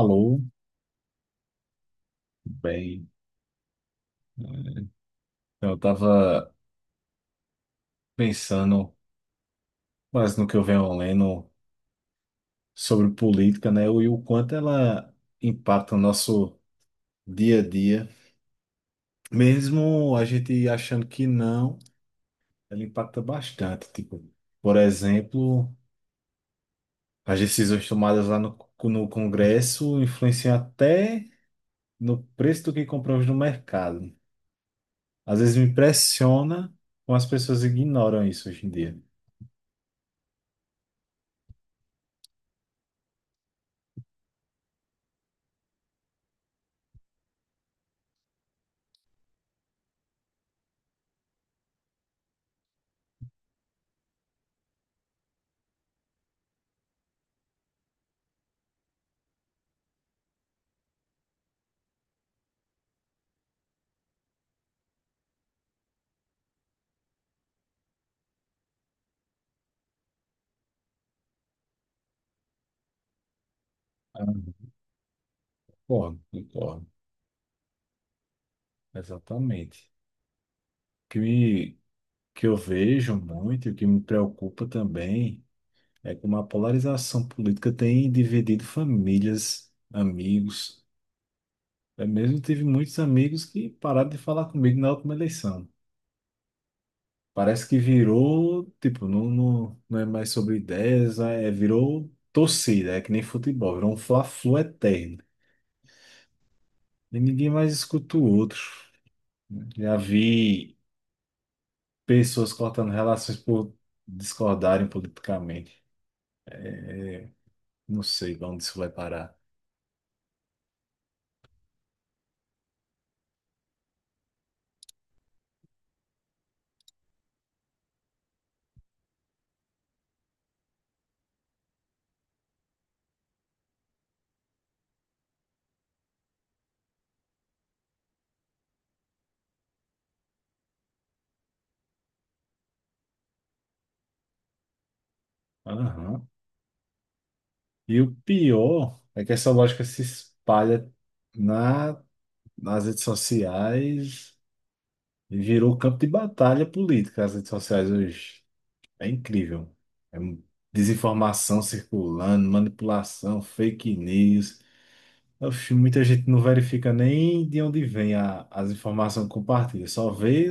Alô, bem. é, Eu estava pensando mais no que eu venho lendo sobre política, né? E o quanto ela impacta o nosso dia a dia. Mesmo a gente achando que não, ela impacta bastante. Tipo, por exemplo, as decisões tomadas lá no Congresso influenciam até no preço do que compramos no mercado. Às vezes me impressiona como as pessoas ignoram isso hoje em dia. Ah, concordo, concordo. Exatamente. O que me, que eu vejo muito e o que me preocupa também é como a polarização política tem dividido famílias, amigos. Eu mesmo tive muitos amigos que pararam de falar comigo na última eleição. Parece que virou, tipo, não, não, não é mais sobre ideias, virou torcida, é que nem futebol, virou um fla-flu eterno. E ninguém mais escuta o outro. Já vi pessoas cortando relações por discordarem politicamente. Não sei pra onde isso vai parar. Aham. E o pior é que essa lógica se espalha na, nas redes sociais e virou campo de batalha política as redes sociais hoje. É incrível. É um desinformação circulando, manipulação, fake news. Oxi, muita gente não verifica nem de onde vem as informações que compartilha. Só vê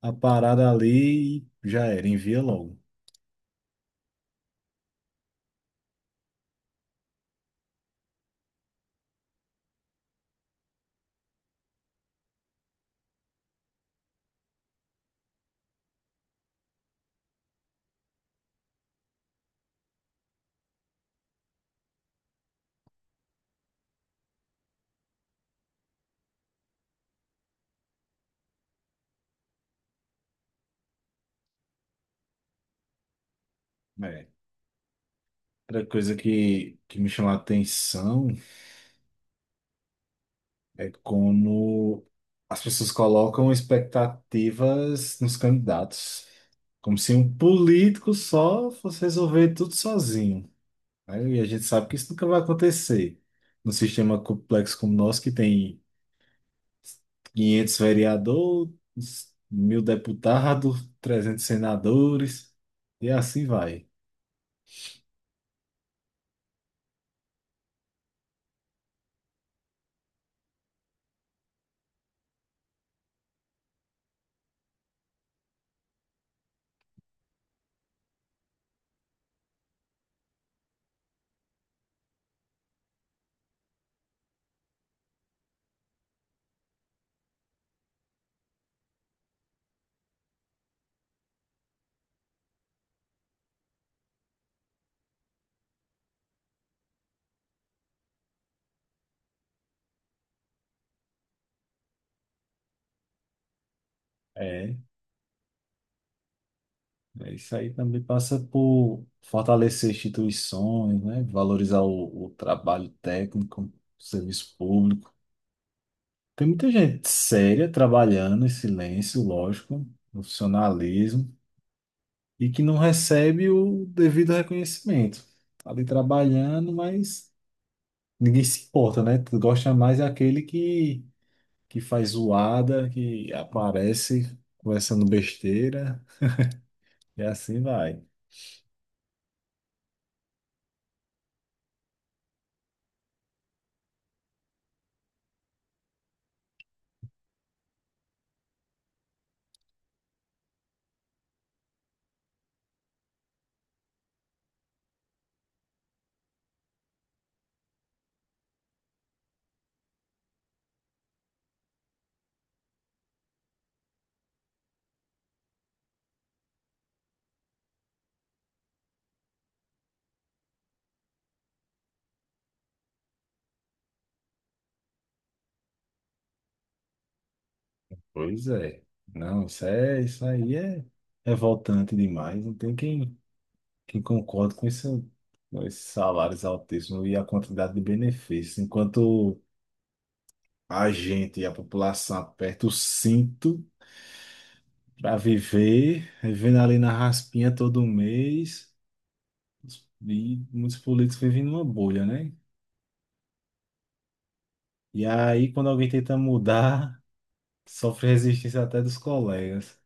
a parada ali e já era, envia logo. É. Outra coisa que me chamou a atenção. É como as pessoas colocam expectativas nos candidatos, como se um político só fosse resolver tudo sozinho, né? E a gente sabe que isso nunca vai acontecer. Num sistema complexo como o nosso, que tem 500 vereadores, 1.000 deputados, 300 senadores, e assim vai. É. É, isso aí também passa por fortalecer instituições, né? Valorizar o trabalho técnico, o serviço público. Tem muita gente séria trabalhando em silêncio, lógico, profissionalismo, e que não recebe o devido reconhecimento. Tá ali trabalhando, mas ninguém se importa, né? Tu gosta mais é aquele que faz zoada, que aparece conversando besteira, e assim vai. Pois é. Não, isso, isso aí é revoltante demais. Não tem quem concorde com esses salários altíssimos e a quantidade de benefícios. Enquanto a gente e a população aperta o cinto para viver, vivendo ali na raspinha todo mês, e muitos políticos vivem numa bolha, né? E aí, quando alguém tenta mudar, sofre resistência até dos colegas.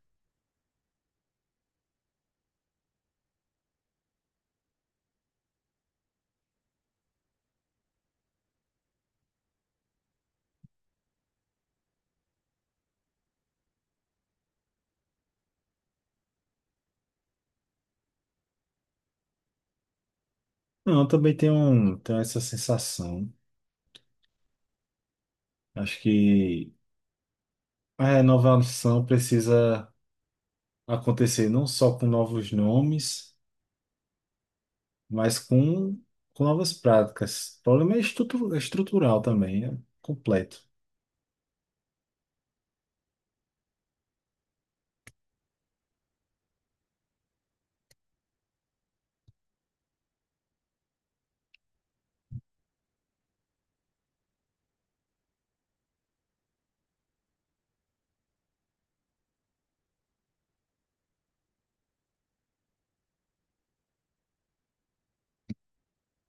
Não, eu também tenho essa sensação. Acho que a renovação precisa acontecer não só com novos nomes, mas com novas práticas. O problema é estrutural também, é completo.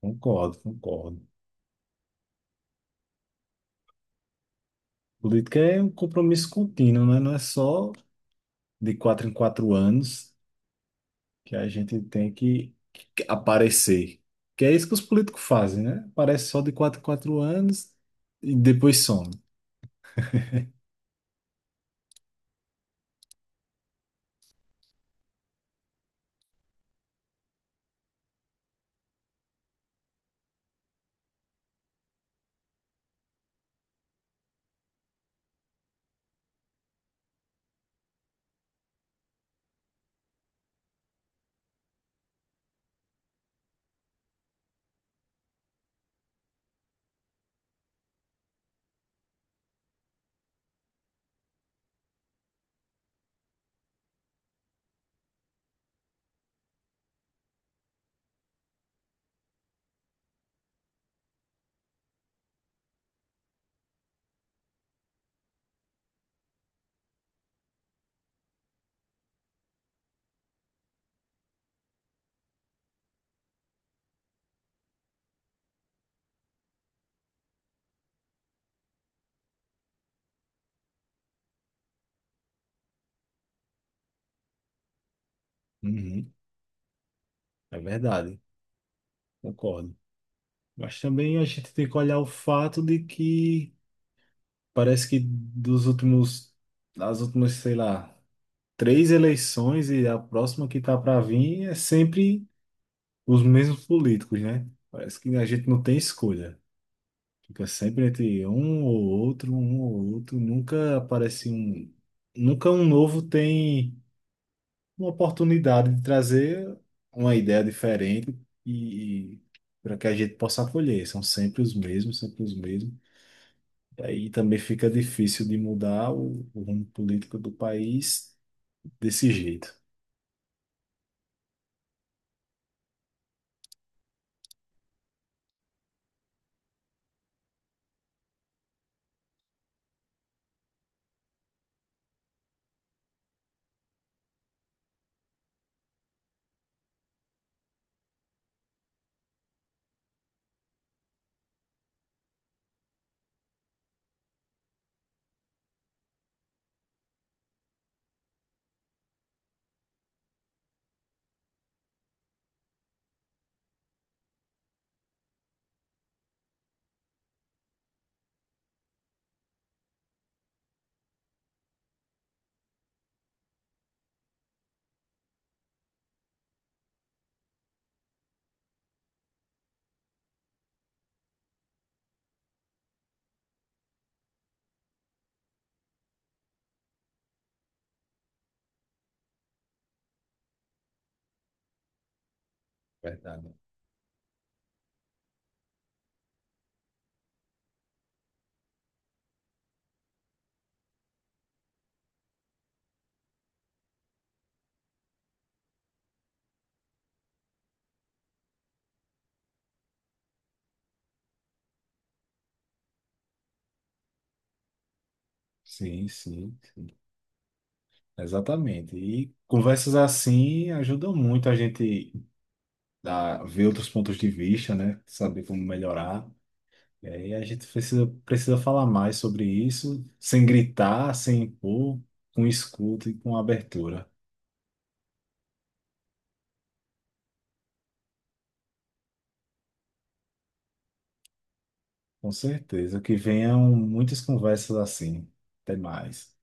Concordo, concordo. Política é um compromisso contínuo, né? Não é só de 4 em 4 anos que a gente tem que aparecer. Que é isso que os políticos fazem, né? Aparece só de 4 em 4 anos e depois some. Uhum, é verdade, concordo. Mas também a gente tem que olhar o fato de que parece que das últimas, sei lá, três eleições e a próxima que tá para vir é sempre os mesmos políticos, né? Parece que a gente não tem escolha. Fica sempre entre um ou outro, um ou outro. Nunca aparece um, nunca um novo tem uma oportunidade de trazer uma ideia diferente e para que a gente possa acolher. São sempre os mesmos, sempre os mesmos. Aí também fica difícil de mudar o rumo político do país desse jeito. Verdade. Sim, sim, exatamente. E conversas assim ajudam muito a gente a ver outros pontos de vista, né? Saber como melhorar. E aí a gente precisa falar mais sobre isso, sem gritar, sem impor, com escuta e com abertura. Com certeza que venham muitas conversas assim. Até mais.